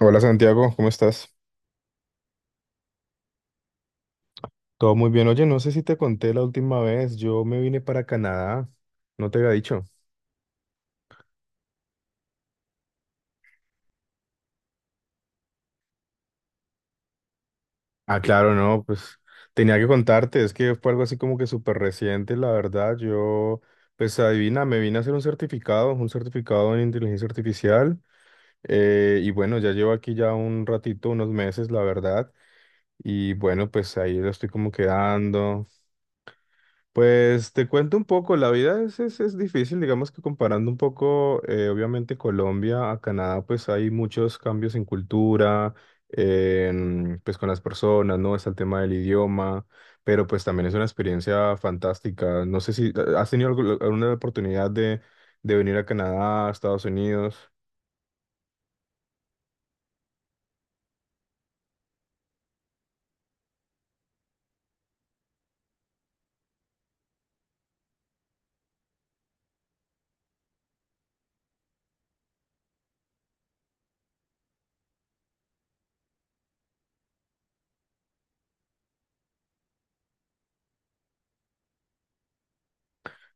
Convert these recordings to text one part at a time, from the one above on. Hola Santiago, ¿cómo estás? Todo muy bien. Oye, no sé si te conté la última vez, yo me vine para Canadá, no te había dicho. Ah, claro, no, pues tenía que contarte, es que fue algo así como que súper reciente, la verdad. Yo, pues adivina, me vine a hacer un certificado en inteligencia artificial. Y bueno, ya llevo aquí ya un ratito, unos meses, la verdad. Y bueno, pues ahí lo estoy como quedando. Pues te cuento un poco, la vida es difícil, digamos que comparando un poco, obviamente Colombia a Canadá, pues hay muchos cambios en cultura, pues con las personas, ¿no? Está el tema del idioma, pero pues también es una experiencia fantástica. No sé si has tenido alguna oportunidad de, venir a Canadá, a Estados Unidos.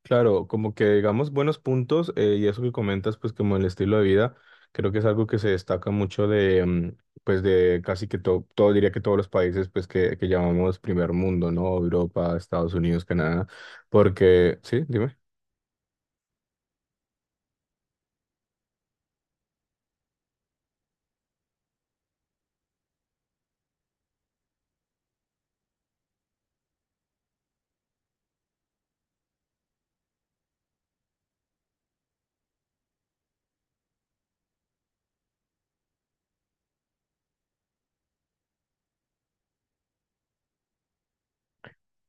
Claro, como que digamos buenos puntos, y eso que comentas, pues como el estilo de vida, creo que es algo que se destaca mucho de, pues de casi que todo diría que todos los países, pues que llamamos primer mundo, ¿no? Europa, Estados Unidos, Canadá, porque, sí, dime.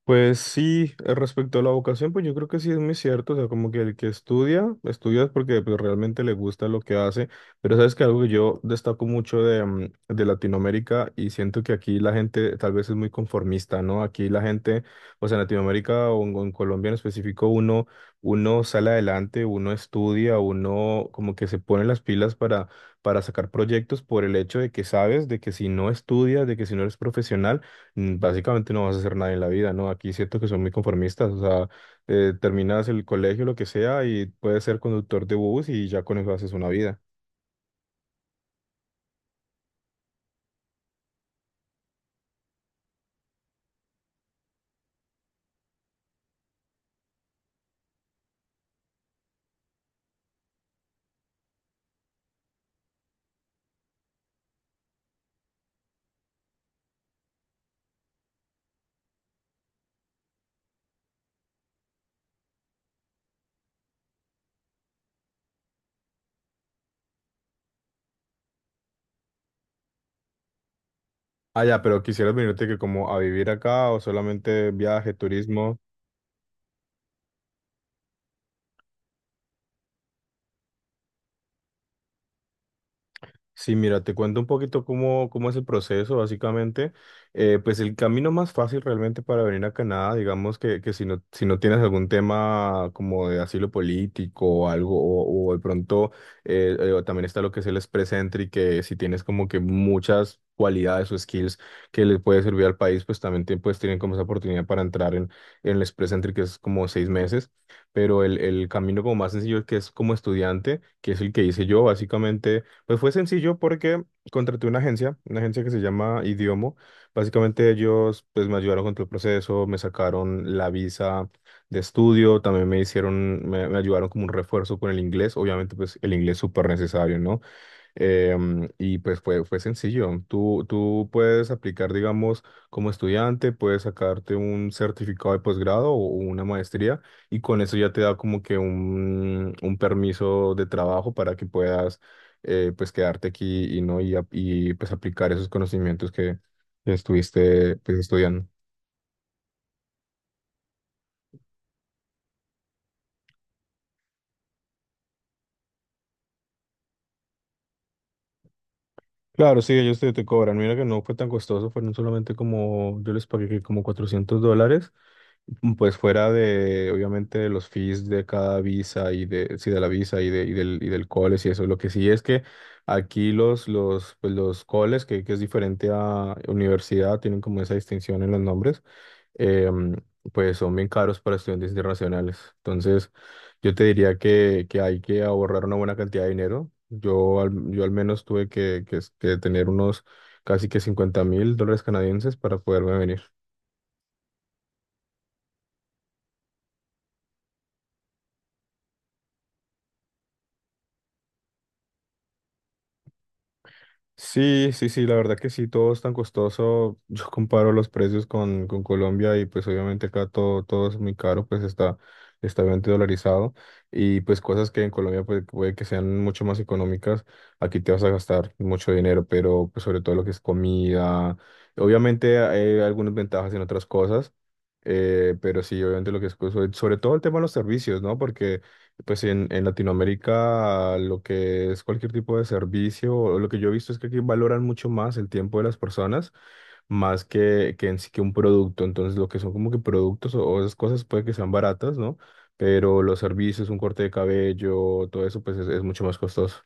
Pues sí, respecto a la vocación, pues yo creo que sí es muy cierto, o sea, como que el que estudia, estudia es porque pues, realmente le gusta lo que hace, pero sabes que algo que yo destaco mucho de, de Latinoamérica, y siento que aquí la gente tal vez es muy conformista, ¿no? Aquí la gente, o sea, en Latinoamérica o en Colombia en específico, uno sale adelante, uno estudia, uno como que se pone las pilas para, sacar proyectos por el hecho de que sabes, de que si no estudias, de que si no eres profesional, básicamente no vas a hacer nada en la vida, ¿no? Aquí siento que son muy conformistas, o sea, terminas el colegio, lo que sea, y puedes ser conductor de bus y ya con eso haces una vida. Ah, ya, pero ¿quisieras venirte que como a vivir acá o solamente viaje, turismo? Sí, mira, te cuento un poquito cómo, es el proceso, básicamente. Pues el camino más fácil realmente para venir a Canadá, digamos que si no tienes algún tema como de asilo político o algo, o de pronto, o también está lo que es el Express Entry, que si tienes como que muchas cualidades o skills que le puede servir al país, pues también pues, tienen como esa oportunidad para entrar en el Express Entry, que es como 6 meses. Pero el camino como más sencillo, que es como estudiante, que es el que hice yo, básicamente. Pues fue sencillo porque contraté una agencia que se llama Idiomo. Básicamente ellos pues me ayudaron con todo el proceso, me sacaron la visa de estudio, también me hicieron, me ayudaron como un refuerzo con el inglés, obviamente pues el inglés es súper necesario, ¿no? Y pues fue, fue sencillo. Tú puedes aplicar, digamos, como estudiante, puedes sacarte un certificado de posgrado o una maestría, y con eso ya te da como que un, permiso de trabajo para que puedas pues quedarte aquí y no y, pues aplicar esos conocimientos que estuviste pues estudiando. Claro, sí, ellos te cobran. Mira que no fue tan costoso, fueron solamente como, yo les pagué que como $400. Pues fuera de, obviamente, de los fees de cada visa y de, sí, de la visa y, de, y del college y eso. Lo que sí es que aquí pues los colleges, que es diferente a universidad, tienen como esa distinción en los nombres. em, pues son bien caros para estudiantes internacionales. Entonces, yo te diría que hay que ahorrar una buena cantidad de dinero. Yo al menos tuve que, que tener unos casi que $50.000 canadienses para poderme venir. Sí, sí, sí, la verdad que sí, todo es tan costoso. Yo comparo los precios con Colombia y pues obviamente acá todo, es muy caro, pues está obviamente dolarizado, y pues cosas que en Colombia pues, puede que sean mucho más económicas, aquí te vas a gastar mucho dinero, pero pues sobre todo lo que es comida. Obviamente hay algunas ventajas en otras cosas, pero sí, obviamente lo que es, pues, sobre todo el tema de los servicios, ¿no? Porque pues en, Latinoamérica lo que es cualquier tipo de servicio, o lo que yo he visto es que aquí valoran mucho más el tiempo de las personas, más que en sí que un producto. Entonces lo que son como que productos, o esas cosas puede que sean baratas, ¿no? Pero los servicios, un corte de cabello, todo eso pues es mucho más costoso.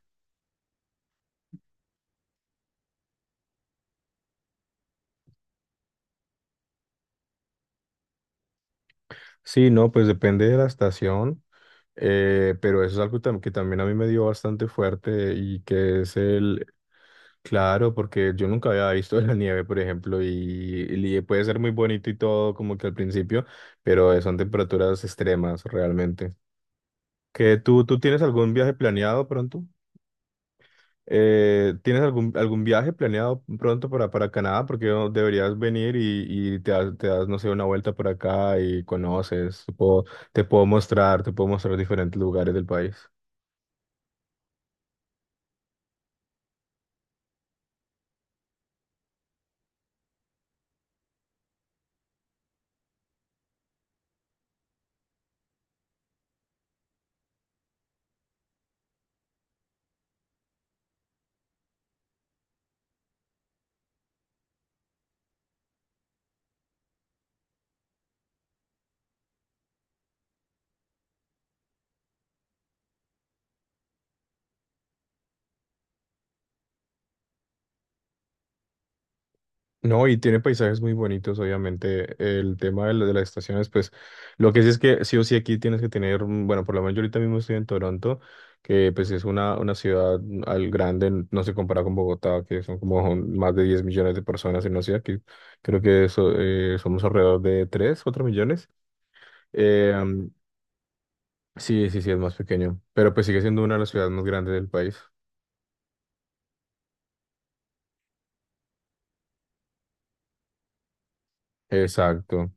Sí, no, pues depende de la estación, pero eso es algo que también a mí me dio bastante fuerte, y que es el... Claro, porque yo nunca había visto la nieve, por ejemplo, y puede ser muy bonito y todo, como que al principio, pero son temperaturas extremas realmente. ¿Que tú tienes algún viaje planeado pronto? ¿Tienes algún viaje planeado pronto para Canadá? Porque no deberías venir y, y no sé, una vuelta por acá y conoces, te puedo mostrar diferentes lugares del país. No, y tiene paisajes muy bonitos, obviamente. El tema de, de las estaciones, pues lo que sí es que sí o sí aquí tienes que tener, bueno, por lo menos yo ahorita mismo estoy en Toronto, que pues es una ciudad al grande, no se compara con Bogotá, que son como más de 10 millones de personas en una ciudad, que creo que eso, somos alrededor de 3, 4 millones. Eh, mm, sí, sí, sí, es más pequeño, pero pues sigue siendo una de las ciudades más grandes del país. Exacto.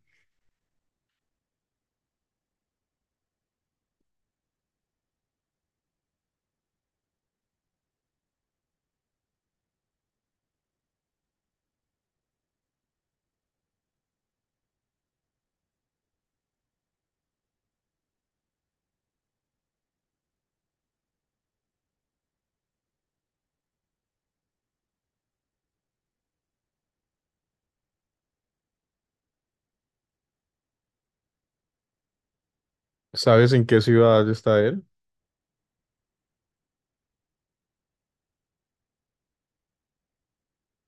¿Sabes en qué ciudad está él?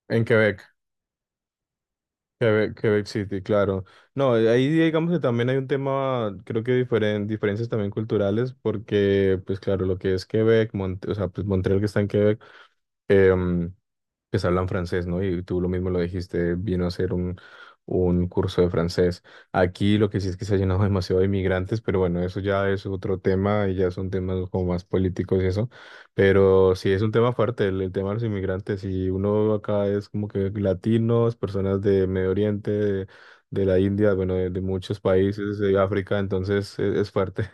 En Quebec. Quebec, Quebec City, claro. No, ahí digamos que también hay un tema, creo que diferencias también culturales, porque, pues claro, lo que es Quebec, o sea, pues Montreal, que está en Quebec. em, pues hablan francés, ¿no? Y tú lo mismo lo dijiste, vino a hacer un, curso de francés. Aquí lo que sí es que se ha llenado demasiado de inmigrantes, pero bueno, eso ya es otro tema y ya son temas como más políticos y eso. Pero sí es un tema fuerte el, tema de los inmigrantes, y uno acá es como que latinos, personas de Medio Oriente, de la India, bueno, de muchos países de África. Entonces es fuerte.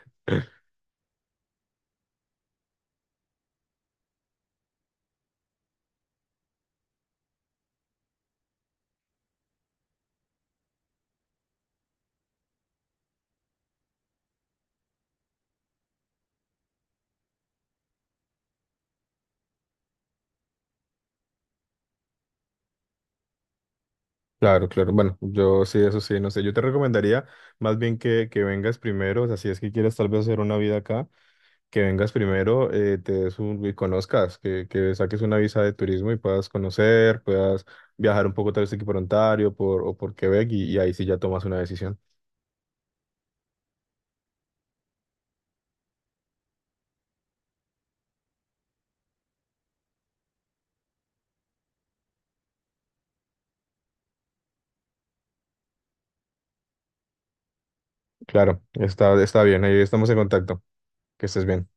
Claro, claro. Bueno, yo sí, eso sí, no sé. Yo te recomendaría más bien que vengas primero, o sea, si es que quieres tal vez hacer una vida acá, que vengas primero, te des un, y conozcas, que saques una visa de turismo y puedas conocer, puedas viajar un poco tal vez aquí por Ontario o por Quebec, y ahí sí ya tomas una decisión. Claro, está bien, ahí estamos en contacto. Que estés bien.